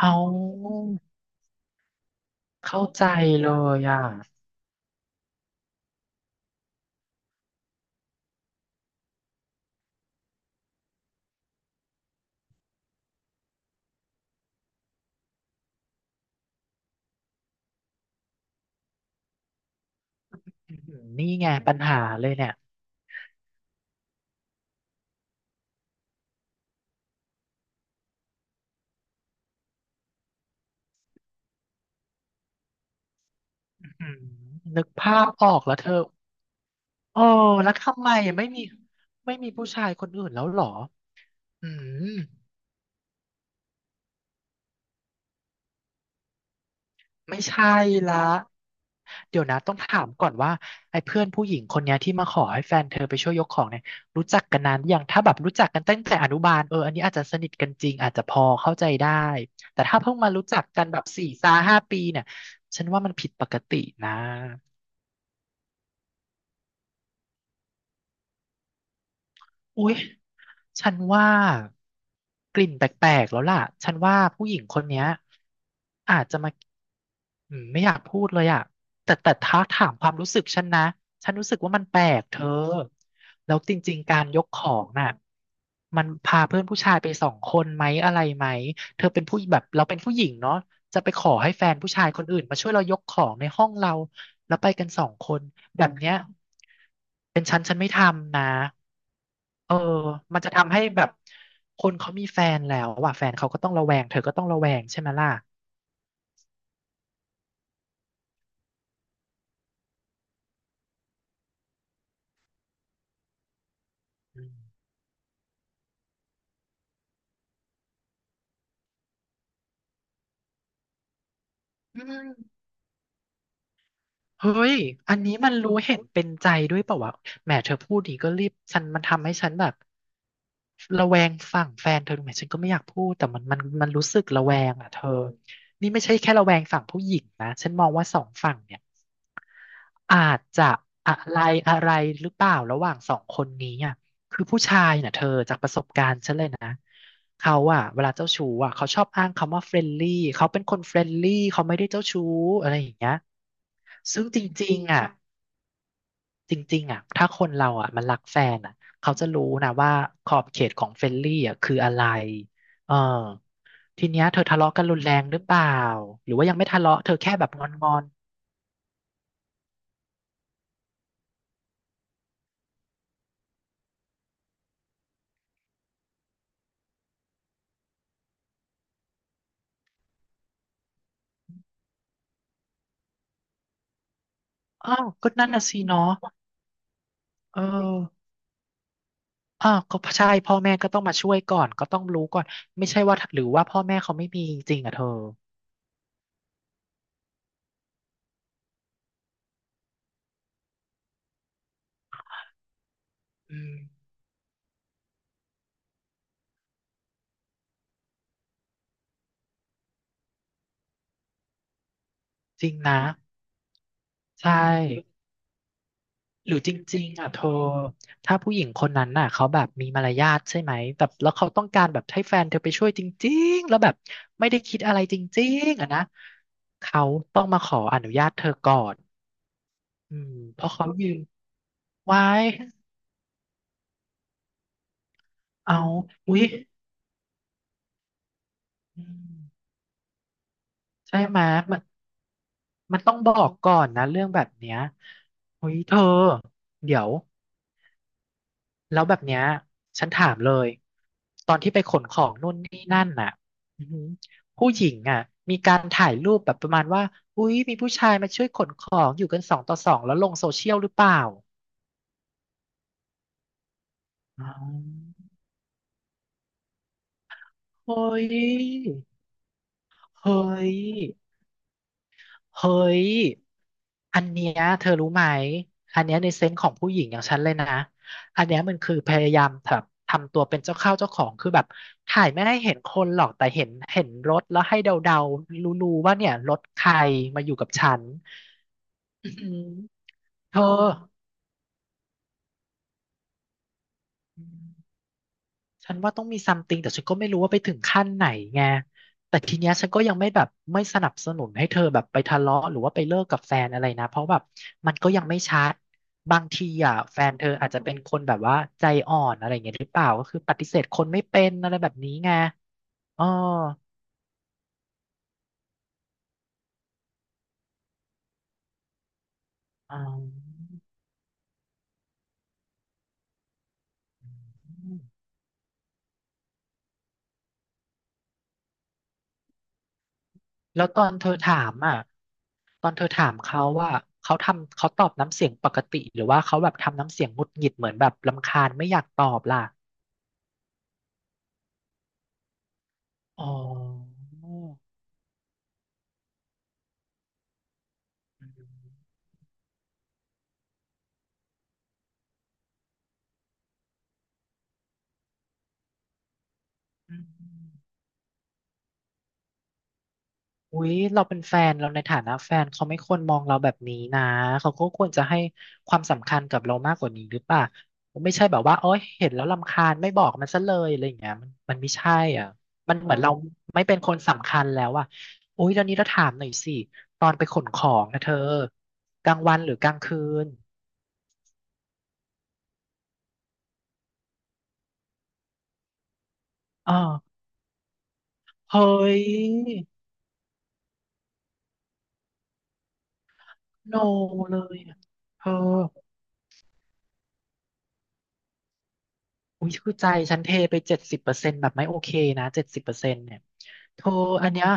เอาเข้าใจเลยอ่ะอื้อหือนี่ไงปัญหาเลยเนี่ยอื้อหือนึกภาพออกแล้วเธออออแล้วทำไมไม่มีไม่มีผู้ชายคนอื่นแล้วเหรออืม ไม่ใช่ละเดี๋ยวนะต้องถามก่อนว่าไอ้เพื่อนผู้หญิงคนเนี้ยที่มาขอให้แฟนเธอไปช่วยยกของเนี่ยรู้จักกันนานหรือยังถ้าแบบรู้จักกันตั้งแต่อนุบาลเอออันนี้อาจจะสนิทกันจริงอาจจะพอเข้าใจได้แต่ถ้าเพิ่งมารู้จักกันแบบสี่ซาห้าปีเนี่ยฉันว่ามันผิดปกตินะ อุ๊ยฉันว่ากลิ่นแปลกๆแล้วล่ะฉันว่าผู้หญิงคนเนี้ยอาจจะมาอืมไม่อยากพูดเลยอะแต่ถ้าถามความรู้สึกฉันนะฉันรู้สึกว่ามันแปลกเธอแล้วจริงๆการยกของน่ะ มันพาเพื่อนผู้ชายไปสองคนไหมอะไรไหมเธอเป็นผู้แบบเราเป็นผู้หญิงเนาะจะไป ให้แฟนผู้ชายคนอื่นมาช่วยเรายกของในห้องเราแล้วไปกันสองคนแบบเนี้ยเป็นฉันฉันไม่ทำนะเออมันจะทำให้แบบคนเขามีแฟนแล้วว่ะแฟนเขาก็ต้องระแวงเธอก็ต้องระแวงใช่ไหมล่ะอืมอืม เฮ้ย อันนี้มันรู้เห็นเป็นใจด้วยเปล่าวะแหมเธอพูดดีก็รีบฉันมันทำให้ฉันแบบระแวงฝั่งแฟนเธอดูไหมฉันก็ไม่อยากพูดแต่มันรู้สึกระแวงอ่ะเธอนี่ไม่ใช่แค่ระแวงฝั่งผู้หญิงนะฉันมองว่าสองฝั่งเนี่ยอาจจะอะไรอะไรหรือเปล่าระหว่างสองคนนี้อ่ะเขาอ่ะเวลาเจ้าชู้อ่ะเขาชอบอ้างคำว่าเฟรนลี่เขาเป็นคนเฟรนลี่เขาไม่ได้เจ้าชู้อะไรอย่างเงี้ยซึ่งจริงๆอ่ะ จริงๆอ่ะถ้าคนเราอ่ะมันรักแฟนอ่ะเขาจะรู้นะว่าขอบเขตของเฟรนลี่อ่ะคืออะไรเออทีเนี้ยเธอทะเลาะกันรุนแรงหรือเปล่า หรือว่ายังไม่ทะเลาะเธอแค่แบบงอนๆอ้าวก็นั่นน่ะสิเนาะเอออ้าวก็ใช่พ่อแม่ก็ต้องมาช่วยก่อนก็ต้องรู้ก่อน ไม่ใช่ว่าหรือว่าพ่อแม่เขาไม่มีจริงอ่ะเธออืมจริงนะใช่ หรือจริงๆอ่ะเธอถ้าผู้หญิงคนนั้นน่ะเขาแบบมีมารยาทใช่ไหมแต่แล้วเขาต้องการแบบให้แฟนเธอไปช่วยจริงๆแล้วแบบไม่ได้คิดอะไรจริงๆอ่ะนะเขาต้องมาขออนุญาตเธอก่อนอืมเพราะเขายืนไว้เอาอุ๊ยอืมใช่ไหมมันมันต้องบอกก่อนนะเรื่องแบบเนี้ยอุ๊ยเธอเดี๋ยว แล้วแบบเนี้ยฉันถามเลยตอนที่ไปขนของนู่นนี่นั่นน่ะอือหือผู้หญิงอ่ะมีการถ่ายรูปแบบประมาณว่าอุ๊ยมีผู้ชายมาช่วยขนของอยู่กันสองต่อสองแล้วลงโซเชียลหรือเปล่าอ๋อเฮ้ยเฮ้ย เฮ้ย อันเนี้ยเธอรู้ไหม อันเนี้ยในเซนส์ของผู้หญิงอย่างฉันเลยนะ อันเนี้ยมันคือพยายามแบบทำตัวเป็นเจ้าเข้าเจ้าของคือแบบถ่ายไม่ให้เห็นคนหรอกแต่เห็นรถแล้วให้เดาๆรู้ๆว่าเนี่ยรถใครมาอยู่กับฉันอืมเธอ ฉันว่าต้องมีซัมติงแต่ฉันก็ไม่รู้ว่าไปถึงขั้นไหนไงแต่ทีเนี้ยฉันก็ยังไม่แบบไม่สนับสนุนให้เธอแบบไปทะเลาะหรือว่าไปเลิกกับแฟนอะไรนะเพราะแบบมันก็ยังไม่ชัดบางทีอ่ะแฟนเธออาจจะเป็นคนแบบว่าใจอ่อนอะไรอย่างเงี้ยหรือเปล่าก็คือปฏิเสธคนไม่เป็นอะไรแบบนี้ไงอ๋ออ๋อแล้วตอนเธอถามอ่ะตอนเธอถามเขาว่าเขาทำเขาตอบน้ำเสียงปกติหรือว่าเขาแบบทำน้ำเสียงหงุดหงิดเหมือนแบบรำคาญไม่อยากตอบล่ะ อ๋ออืมอุ๊ยเราเป็นแฟนเราในฐานะแฟนเขาไม่ควรมองเราแบบนี้นะเขาก็ควรจะให้ความสำคัญกับเรามากกว่านี้หรือเปล่าไม่ใช่แบบว่าโอ๊ยเห็นแล้วรำคาญไม่บอกมันซะเลยอะไรอย่างเงี้ยมันไม่ใช่อ่ะมันเหมือนเราไม่เป็นคนสำคัญแล้วอ่ะอุ๊ยตอนนี้เราถามหน่อยสิตอนไปขนของนะเธอกลางวันหรือกลางคืนอ๋อเฮ้ยโนเลยอะเธอ อุ้ยคือใจฉันเทไป70%แบบไม่โอเคนะเจ็ดสิบเปอร์เซ็นต์เนี่ยเธออันเนี้ย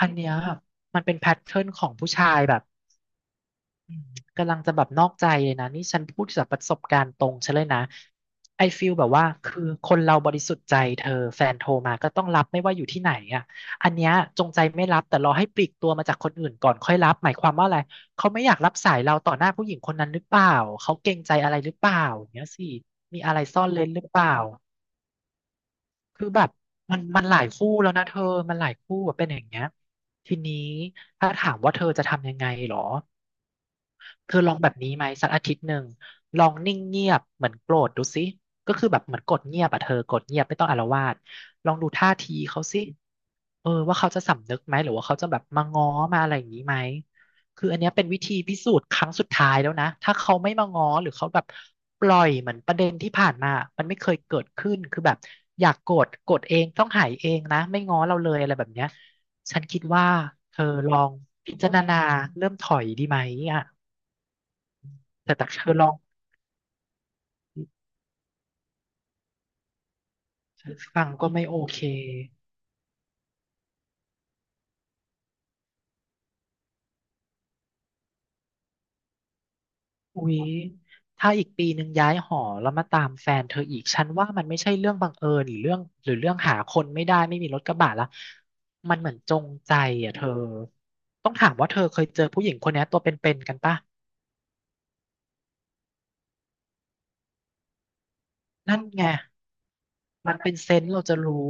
อันเนี้ยมันเป็นแพทเทิร์นของผู้ชายแบบอืมกำลังจะแบบนอกใจเลยนะนี่ฉันพูดจากประสบการณ์ตรงฉันเลยนะไอฟีลแบบว่าคือคนเราบริสุทธิ์ใจเธอแฟนโทรมาก็ต้องรับไม่ว่าอยู่ที่ไหนอ่ะอันเนี้ยจงใจไม่รับแต่รอให้ปลีกตัวมาจากคนอื่นก่อนค่อยรับหมายความว่าอะไรเขาไม่อยากรับสายเราต่อหน้าผู้หญิงคนนั้นหรือเปล่าเขาเกรงใจอะไรหรือเปล่าอย่างเงี้ยสิมีอะไรซ่อนเร้นหรือเปล่า คือแบบมันหลายคู่แล้วนะเธอมันหลายคู่แบบเป็นอย่างเงี้ยทีนี้ถ้าถามว่าเธอจะทำยังไงเหรอ เธอลองแบบนี้ไหมสักอาทิตย์หนึ่งลองนิ่งเงียบเหมือนโกรธดูสิก็คือแบบเหมือนกดเงียบอะเธอกดเงียบไม่ต้องอาละวาดลองดูท่าทีเขาสิเออว่าเขาจะสำนึกไหมหรือว่าเขาจะแบบมาง้อมาอะไรอย่างนี้ไหมคืออันเนี้ยเป็นวิธีพิสูจน์ครั้งสุดท้ายแล้วนะถ้าเขาไม่มาง้อหรือเขาแบบปล่อยเหมือนประเด็นที่ผ่านมามันไม่เคยเกิดขึ้นคือแบบอยากโกรธโกรธเองต้องหายเองนะไม่ง้อเราเลยอะไรแบบเนี้ยฉันคิดว่าเธอลองพิจารณาเริ่มถอยดีไหมอ่ะ แต่จากเธอลองฟังก็ไม่โอเคอุ๊ยถ้าอีกปีหนึ่งย้ายหอแล้วมาตามแฟนเธออีก ฉันว่ามันไม่ใช่เรื่องบังเอิญหรือเรื่องหาคนไม่ได้ไม่มีรถกระบะละมันเหมือนจงใจอ่ะเธอต้องถามว่าเธอเคยเจอผู้หญิงคนนี้ตัวเป็นๆกันป่ะนั่นไงมันเป็นเซนส์เราจะรู้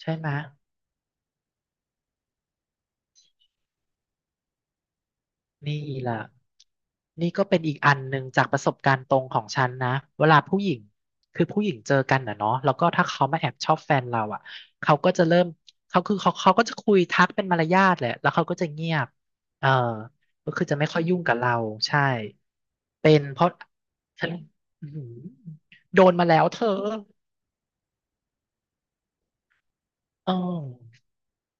ใช่ไหม นี่ล่ะนี่ก็เป็นอีกอันหนึ่งจากประสบการณ์ตรงของฉันนะเวลาผู้หญิงคือผู้หญิงเจอกันนะเนาะแล้วก็ถ้าเขามาแอบชอบแฟนเราอ่ะเขาก็จะเริ่มเขาคือเขาเขาก็จะคุยทักเป็นมารยาทแหละแล้วเขาก็จะเงียบเออก็คือจะไม่ค่อยยุ่งกับเราใช่เป็นเพราะฉันอื้อหือโดนมาแล้วเธอเออ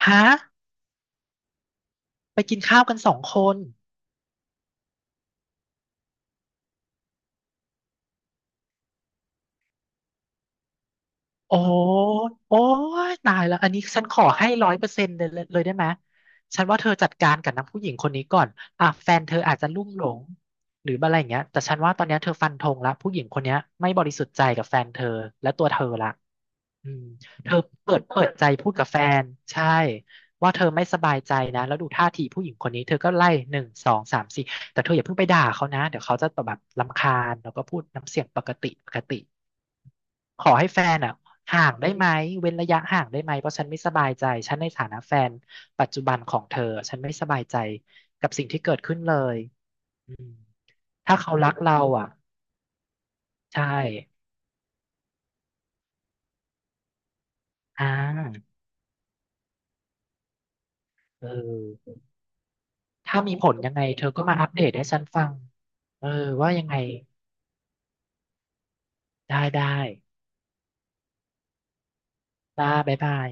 ฮะไปกินข้าวกันสองคน โอ้ยโอ้ยตายแล้วอันนี้ฉันขอให้100%เลยได้ไหมฉันว่าเธอจัดการกับนางผู้หญิงคนนี้ก่อนอ่ะแฟนเธออาจจะลุ่มหลงหรืออะไรอย่างเงี้ยแต่ฉันว่าตอนเนี้ยเธอฟันธงละผู้หญิงคนเนี้ยไม่บริสุทธิ์ใจกับแฟนเธอและตัวเธอละอืมเธอเปิดใจพูดกับแฟนใช่ว่าเธอไม่สบายใจนะแล้วดูท่าทีผู้หญิงคนนี้เธอก็ไล่หนึ่งสองสามสี่แต่เธออย่าเพิ่งไปด่าเขานะเดี๋ยวเขาจะแบบรำคาญแล้วก็พูดน้ำเสียงปกติปกติ ขอให้แฟนอ่ะห่างได้ไหมเว้นระยะห่างได้ไหมเพราะฉันไม่สบายใจฉันในฐานะแฟนปัจจุบันของเธอฉันไม่สบายใจกับสิ่งที่เกิดขึ้นเลยอืมถ้าเขารักเราอ่ะใช่อ่าเออถ้ามีผลยังไงเธอก็มาอัปเดตให้ฉันฟังเออว่ายังไงได้ได้ได้บ๊ายบาย